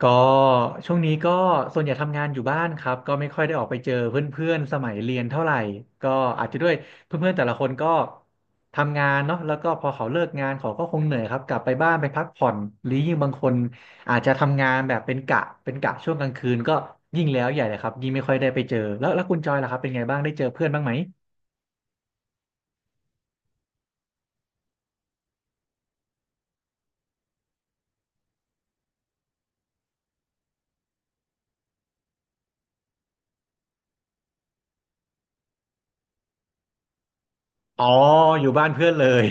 ก็ช่วงนี้ก็ส่วนใหญ่ทำงานอยู่บ้านครับก็ไม่ค่อยได้ออกไปเจอเพื่อนๆสมัยเรียนเท่าไหร่ก็อาจจะด้วยเพื่อนๆแต่ละคนก็ทำงานเนาะแล้วก็พอเขาเลิกงานเขาก็คงเหนื่อยครับกลับไปบ้านไปพักผ่อนหรือยิ่งบางคนอาจจะทำงานแบบเป็นกะเป็นกะช่วงกลางคืนก็ยิ่งแล้วใหญ่เลยครับยิ่งไม่ค่อยได้ไปเจอแล้วแล้วคุณจอยล่ะครับเป็นไงบ้างได้เจอเพื่อนบ้างไหมอ๋ออยู่บ้านเพื่อนเลย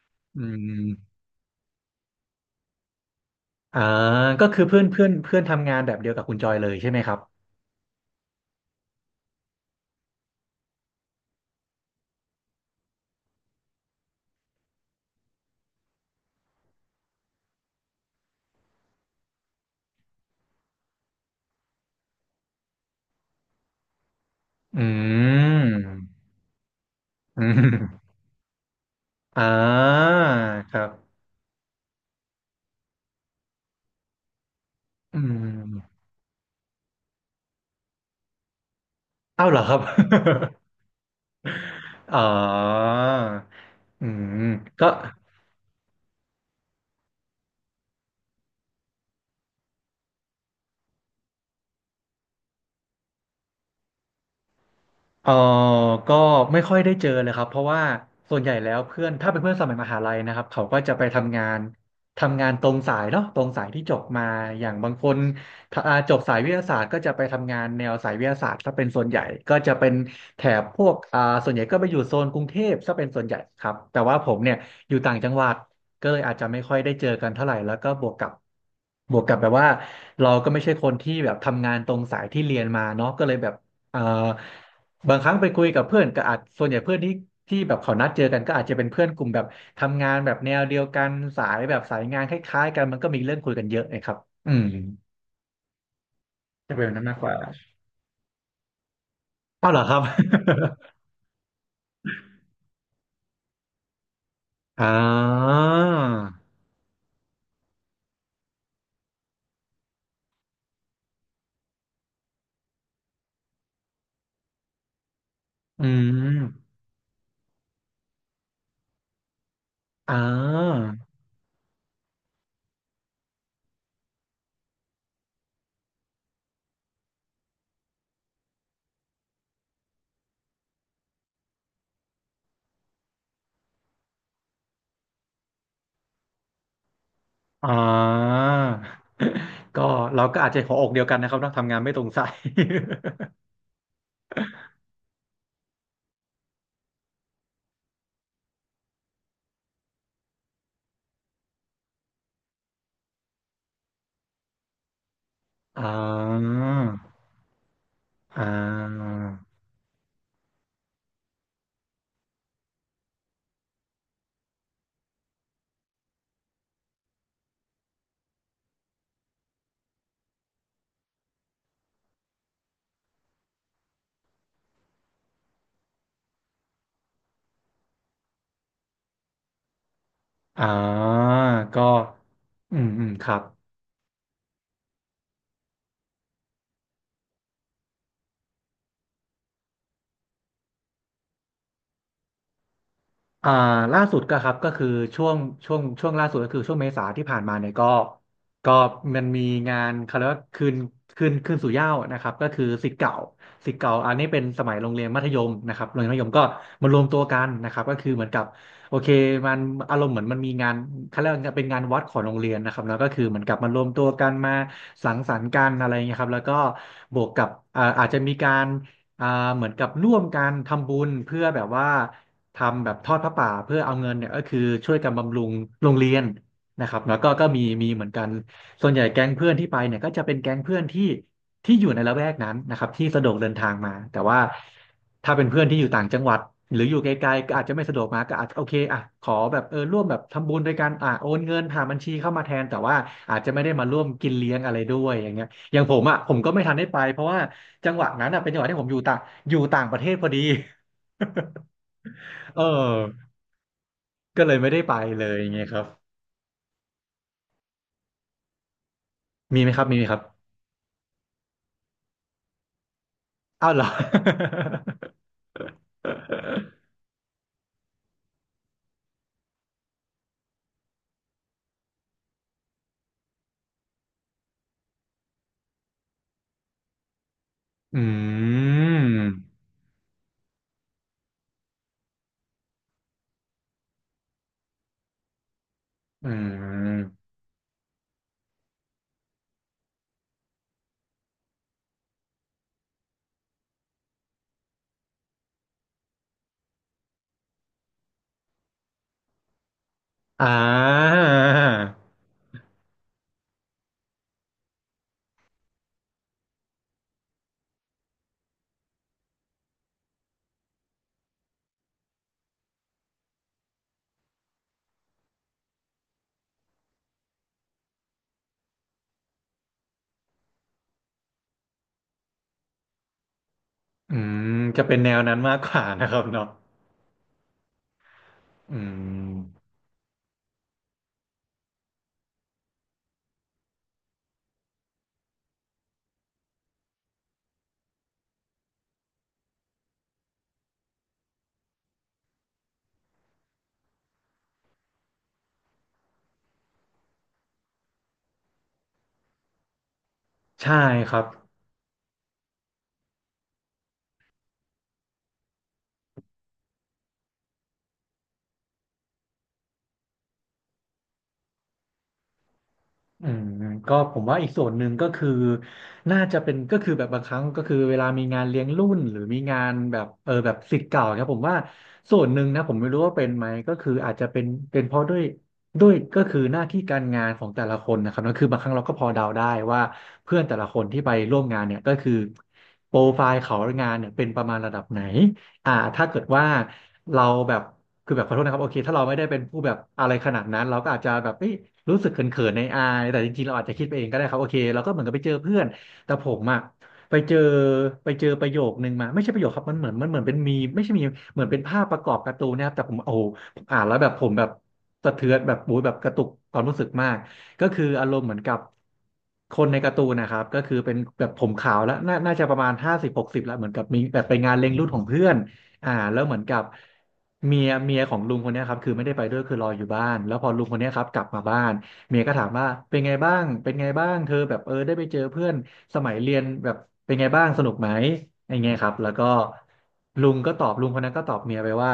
อืมอ่าก็คือเพื่อนเพื่อนเพื่อนทำงานแบบเดียวกับคุณจอยเลยใช่ไหมครับ อืม อืมอ่าครับอืมอ้าวเหรอครับ อ๋ออืมก็ เออก็ไม่ค่อยได้เจอเลยครับเพราะว่าส่วนใหญ่แล้วเพื่อนถ้าเป็นเพื่อนสมัยมหาลัยนะครับเขาก็จะไปทำงานตรงสายเนาะตรงสายที่จบมาอย่างบางคนถ้าอ่าจบสายวิทยาศาสตร์ก็จะไปทำงานแนวสายวิทยาศาสตร์ถ้าเป็นส่วนใหญ่ก็จะเป็นแถบพวกอ่าส่วนใหญ่ก็ไปอยู่โซนกรุงเทพถ้าเป็นส่วนใหญ่ครับแต่ว่าผมเนี่ยอยู่ต่างจังหวัดก็เลยอาจจะไม่ค่อยได้เจอกันเท่าไหร่แล้วก็บวกกับแบบว่าเราก็ไม่ใช่คนที่แบบทำงานตรงสายที่เรียนมาเนาะก็เลยแบบเอ่อ บางครั้งไปคุยกับเพื่อนก็อาจส่วนใหญ่เพื่อนที่แบบเขานัดเจอกันก็อาจจะเป็นเพื่อนกลุ่มแบบทำงานแบบแนวเดียวกันสายแบบสายงานคล้ายๆกันมันก็มีเรื่องคุยกันเยอะนะครับอืมจะเป็นแบบนั้นมากกว่าอ้าวเหรอครับ อ่าอืมอ่าอ่า ก็เราก็อาจจะหัวอกเดียวกันนะครับต้องทำงานไม่ตรงสาย อ่าอ่าอ่าก็อืมอืมครับ อ่าล่าสุดก็ครับก็คือช่วงช่วงล่าสุดก็คือช่วงเมษาที่ผ่านมาเนี่ยก็ก็มันมีงานเขาเรียกว่าคืนสู่เหย้านะครับก็คือศิษย์เก่าอันนี้เป็นสมัยโรงเรียนมัธยมนะครับโรงเรียนมัธยมก็มารวมตัวกันนะครับก็คือเหมือนกับโอเคมันอารมณ์เหมือนมันมีงานเขาเรียกว่าเป็นงานวัดของโรงเรียนนะครับแล้วก็คือเหมือนกับมารวมตัวกันมาสังสรรค์กันอะไรเงี้ยครับแล้วก็บวกกับอ่าอาจจะมีการอ่าเหมือนกับร่วมกันทำบุญเพื่อแบบว่า ทำแบบทอดผ้าป่าเพื่อเอาเงินเนี่ยก็คือช่วยกันบำรุงโรงเรียนนะครับแล้วก็ก็มีเหมือนกันส่วนใหญ่แก๊งเพื่อนที่ไปเนี่ยก็จะเป็นแก๊งเพื่อนที่อยู่ในละแวกนั้นนะครับที่สะดวกเดินทางมาแต่ว่าถ้าเป็นเพื่อนที่อยู่ต่างจังหวัดหรืออยู่ไกลๆก็อาจจะไม่สะดวกมาก็อาจจะโอเคอ่ะขอแบบเออร่วมแบบทำบุญด้วยกันอ่ะโอนเงินผ่านบัญชีเข้ามาแทนแต่ว่าอาจจะไม่ได้มาร่วมกินเลี้ยงอะไรด้วยอย่างเงี้ยอย่างผมอ่ะผมก็ไม่ทันได้ไปเพราะว่าจังหวะนั้นอ่ะเป็นจังหวะที่ผมอยู่ต่างประเทศพอดี เออ ก็เลยไม่ได้ไปเลยไงครับ มีไหมครับ มีไหมครับ อ้าวเหรอ อืมอืมอ่าอืมจะเป็นแนวนั้นมากกว่านะครับเนาะอืมใช่ครับ อืมก็ผมว่าอีกส่วนหนึ่งก็คือน่าจะเป็นก็คือแบบบางครั้งก็คือเวลามีงานเลี้ยงรุ่นหรือมีงานแบบเออแบบศิษย์เก่าครับผมว่าส่วนหนึ่งนะผมไม่รู้ว่าเป็นไหมก็คืออาจจะเป็นเพราะด้วยก็คือหน้าที่การงานของแต่ละคนนะครับนั่นคือบางครั้งเราก็พอเดาได้ว่าเพื่อนแต่ละคนที่ไปร่วมงานเนี่ยก็คือโปรไฟล์เขางานเนี่ยเป็นประมาณระดับไหนอ่าถ้าเกิดว่าเราแบบ คือแบบขอโทษนะครับโอเคถ้าเราไม่ได้เป็นผู้แบบอะไรขนาดนั้นเราก็อาจจะแบบเอ้ยรู้สึกเขินๆในอายแต่จริงๆเราอาจจะคิดไปเองก็ได้ครับโอเคเราก็เหมือนกับไปเจอเพื่อนแต่ผมอะไปเจอไปเจอประโยคนึงมาไม่ใช่ประโยคครับมันเหมือนเป็นมีมไม่ใช่มีมเหมือนเป็นภาพประกอบการ์ตูนนะครับแต่ผมโอ้โหผมอ่านแล้วแบบผมแบบสะเทือนแบบโอ้ยแบบกระตุกความรู้สึกมากก็คืออารมณ์เหมือนกับคนในการ์ตูนนะครับก็คือเป็นแบบผมขาวแล้วน่าน่าจะประมาณ50-60แล้วเหมือนกับมีแบบไปงานเลี้ยงรุ่นของเพื่อน อ่าแล้วเหมือนกับเมียของลุงคนเนี้ยครับคือไม่ได้ไปด้วยคือรออยู่บ้านแล้วพอลุงคนเนี้ยครับกลับมาบ้านเมียก็ถามว่าเป็นไงบ้างเป็นไงบ้างเธอแบบเออได้ไปเจอเพื่อนสมัยเรียนแบบเป็นไงบ้างสนุกไหมอย่างเงี้ยครับแล้วก็ลุงคนนั้นก็ตอบเมียไปว่า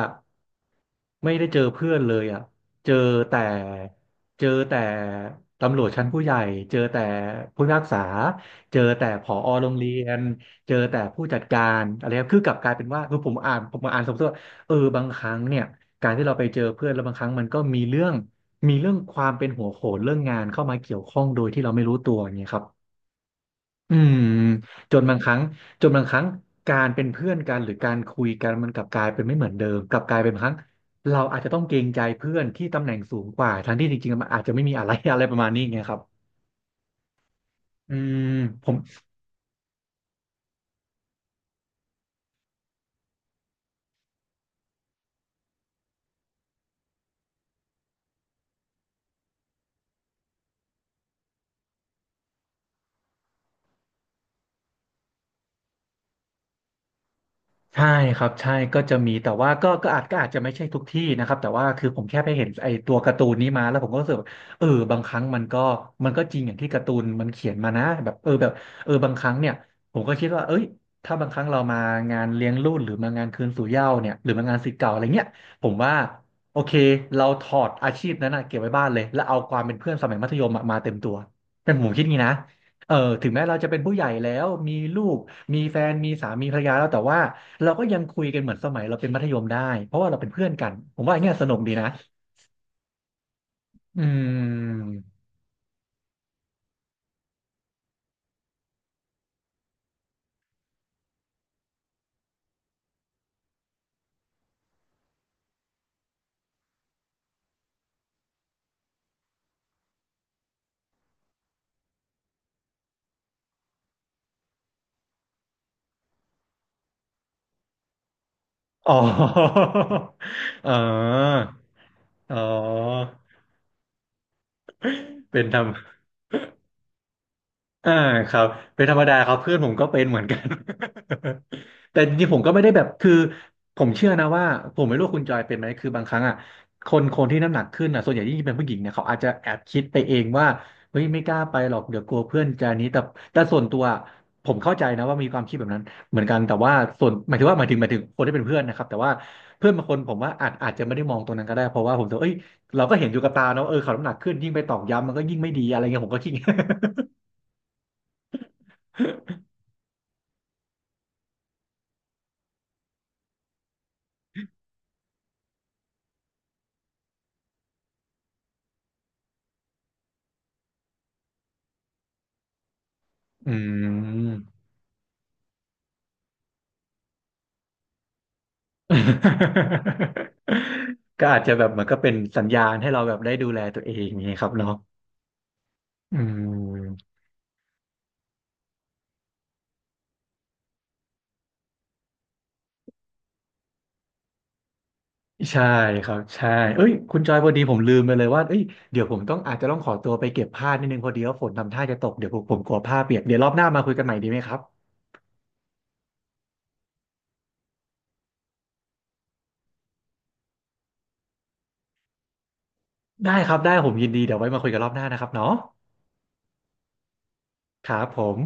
ไม่ได้เจอเพื่อนเลยอ่ะเจอแต่เจอแต่ตำรวจชั้นผู้ใหญ่เจอแต่ผู้พิพากษาเจอแต่ผอโรงเรียน เจอแต่ผู้จัดการอะไรครับคือกลับกลายเป็นว่าคือผมมาอ่านสมมติว่าเออบางครั้งเนี่ยการที่เราไปเจอเพื่อนแล้วบางครั้งมันก็มีเรื่องมีเรื่องความเป็นหัวโขนเรื่องงานเข้ามาเกี่ยวข้องโดยที่เราไม่รู้ตัวอย่างเงี้ยครับอืมจนบางครั้งจนบางครั้งการเป็นเพื่อนกันหรือการคุยกันมันกลับกลายเป็นไม่เหมือนเดิมกลับกลายเป็นบางครั้งเราอาจจะต้องเกรงใจเพื่อนที่ตำแหน่งสูงกว่าทั้งที่จริงๆมันอาจจะไม่มีอะไร อะไรประมาณนี้ไงครับอืมผม ใช่ครับใช่ก็จะมีแต่ว่าก็ก็อาจก็อาจจะไม่ใช่ทุกที่นะครับแต่ว่าคือผมแค่ไปเห็นไอ้ตัวการ์ตูนนี้มาแล้วผมก็รู้สึกว่าเออบางครั้งมันก็จริงอย่างที่การ์ตูนมันเขียนมานะแบบเออแบบเออบางครั้งเนี่ยผมก็คิดว่าเอ้ยถ้าบางครั้งเรามางานเลี้ยงรุ่นหรือมางานคืนสู่เหย้าเนี่ยหรือมางานศิษย์เก่าอะไรเงี้ยผมว่าโอเคเราถอดอาชีพนั้นนะเก็บไว้บ้านเลยแล้วเอาความเป็นเพื่อนสมัยมัธยมอะมาเต็มตัวเป็นผมคิดงี้นะเออถึงแม้เราจะเป็นผู้ใหญ่แล้วมีลูกมีแฟนมีสามีภรรยาแล้วแต่ว่า เราก็ยังคุยกันเหมือนสมัยเราเป็นมัธยมได้เพราะว่าเราเป็นเพื่อนกันผมว่าอย่างเงี้ยสนุกดีนะอืมอ๋อ อ๋ออ๋อเป็นธรรม อ่าครับเป็นธรรมดาครับเพื่อนผมก็เป็นเหมือนกัน แต่จริงๆผมก็ไม่ได้แบบคือผมเชื่อนะว่าผมไม่รู้ว่าคุณจอยเป็นไหมคือบางครั้งอ่ะคนที่น้ำหนักขึ้นอ่ะส่วนใหญ่ยิ่งเป็นผู้หญิงเนี่ยเขาอาจจะแอบคิดไปเองว่าเฮ้ยไม่กล้าไปหรอกเดี๋ยวกลัวเพื่อนจะนี้แต่ส่วนตัวผมเข้าใจนะว่ามีความคิดแบบนั้นเหมือนกันแต่ว่าส่วนหมายถึงว่าหมายถึงหมายถึงคนที่เป็นเพื่อนนะครับแต่ว่าเพื่อนบางคนผมว่าอาจจะไม่ได้มองตรงนั้นก็ได้เพราะว่าผมจะเอ้ยเราก็เห็นอยู่กับตาเนาะเออเขาน้ำหนักขึ้นยิ่งไปตอกย้ำมันก็ยิ่งไม่ดีอะไรเงี้ยผมก็คิดอย่างเงี้ย อืม ก็อาจจะแบบมันก็เป็นสัญญาณให้เราแบบได้ดูแลตัวเองอย่างนี้ครับเนาะอืมใช่ครับใช่เอ้ยคุณจอยพอดีผมลืมไปเลยว่าเอ้ยเดี๋ยวผมต้องอาจจะต้องขอตัวไปเก็บผ้านิดนึงพอดีว่าฝนทำท่าจะตกเดี๋ยวผมกลัวผ้าเปียกเดี๋ยวรอบหน้ามาคุยกันใหม่ดีไหมครับได้ครับได้ผมยินดีเดี๋ยวไว้มาคุยกันรอบหน้านะครับเนาะครับผม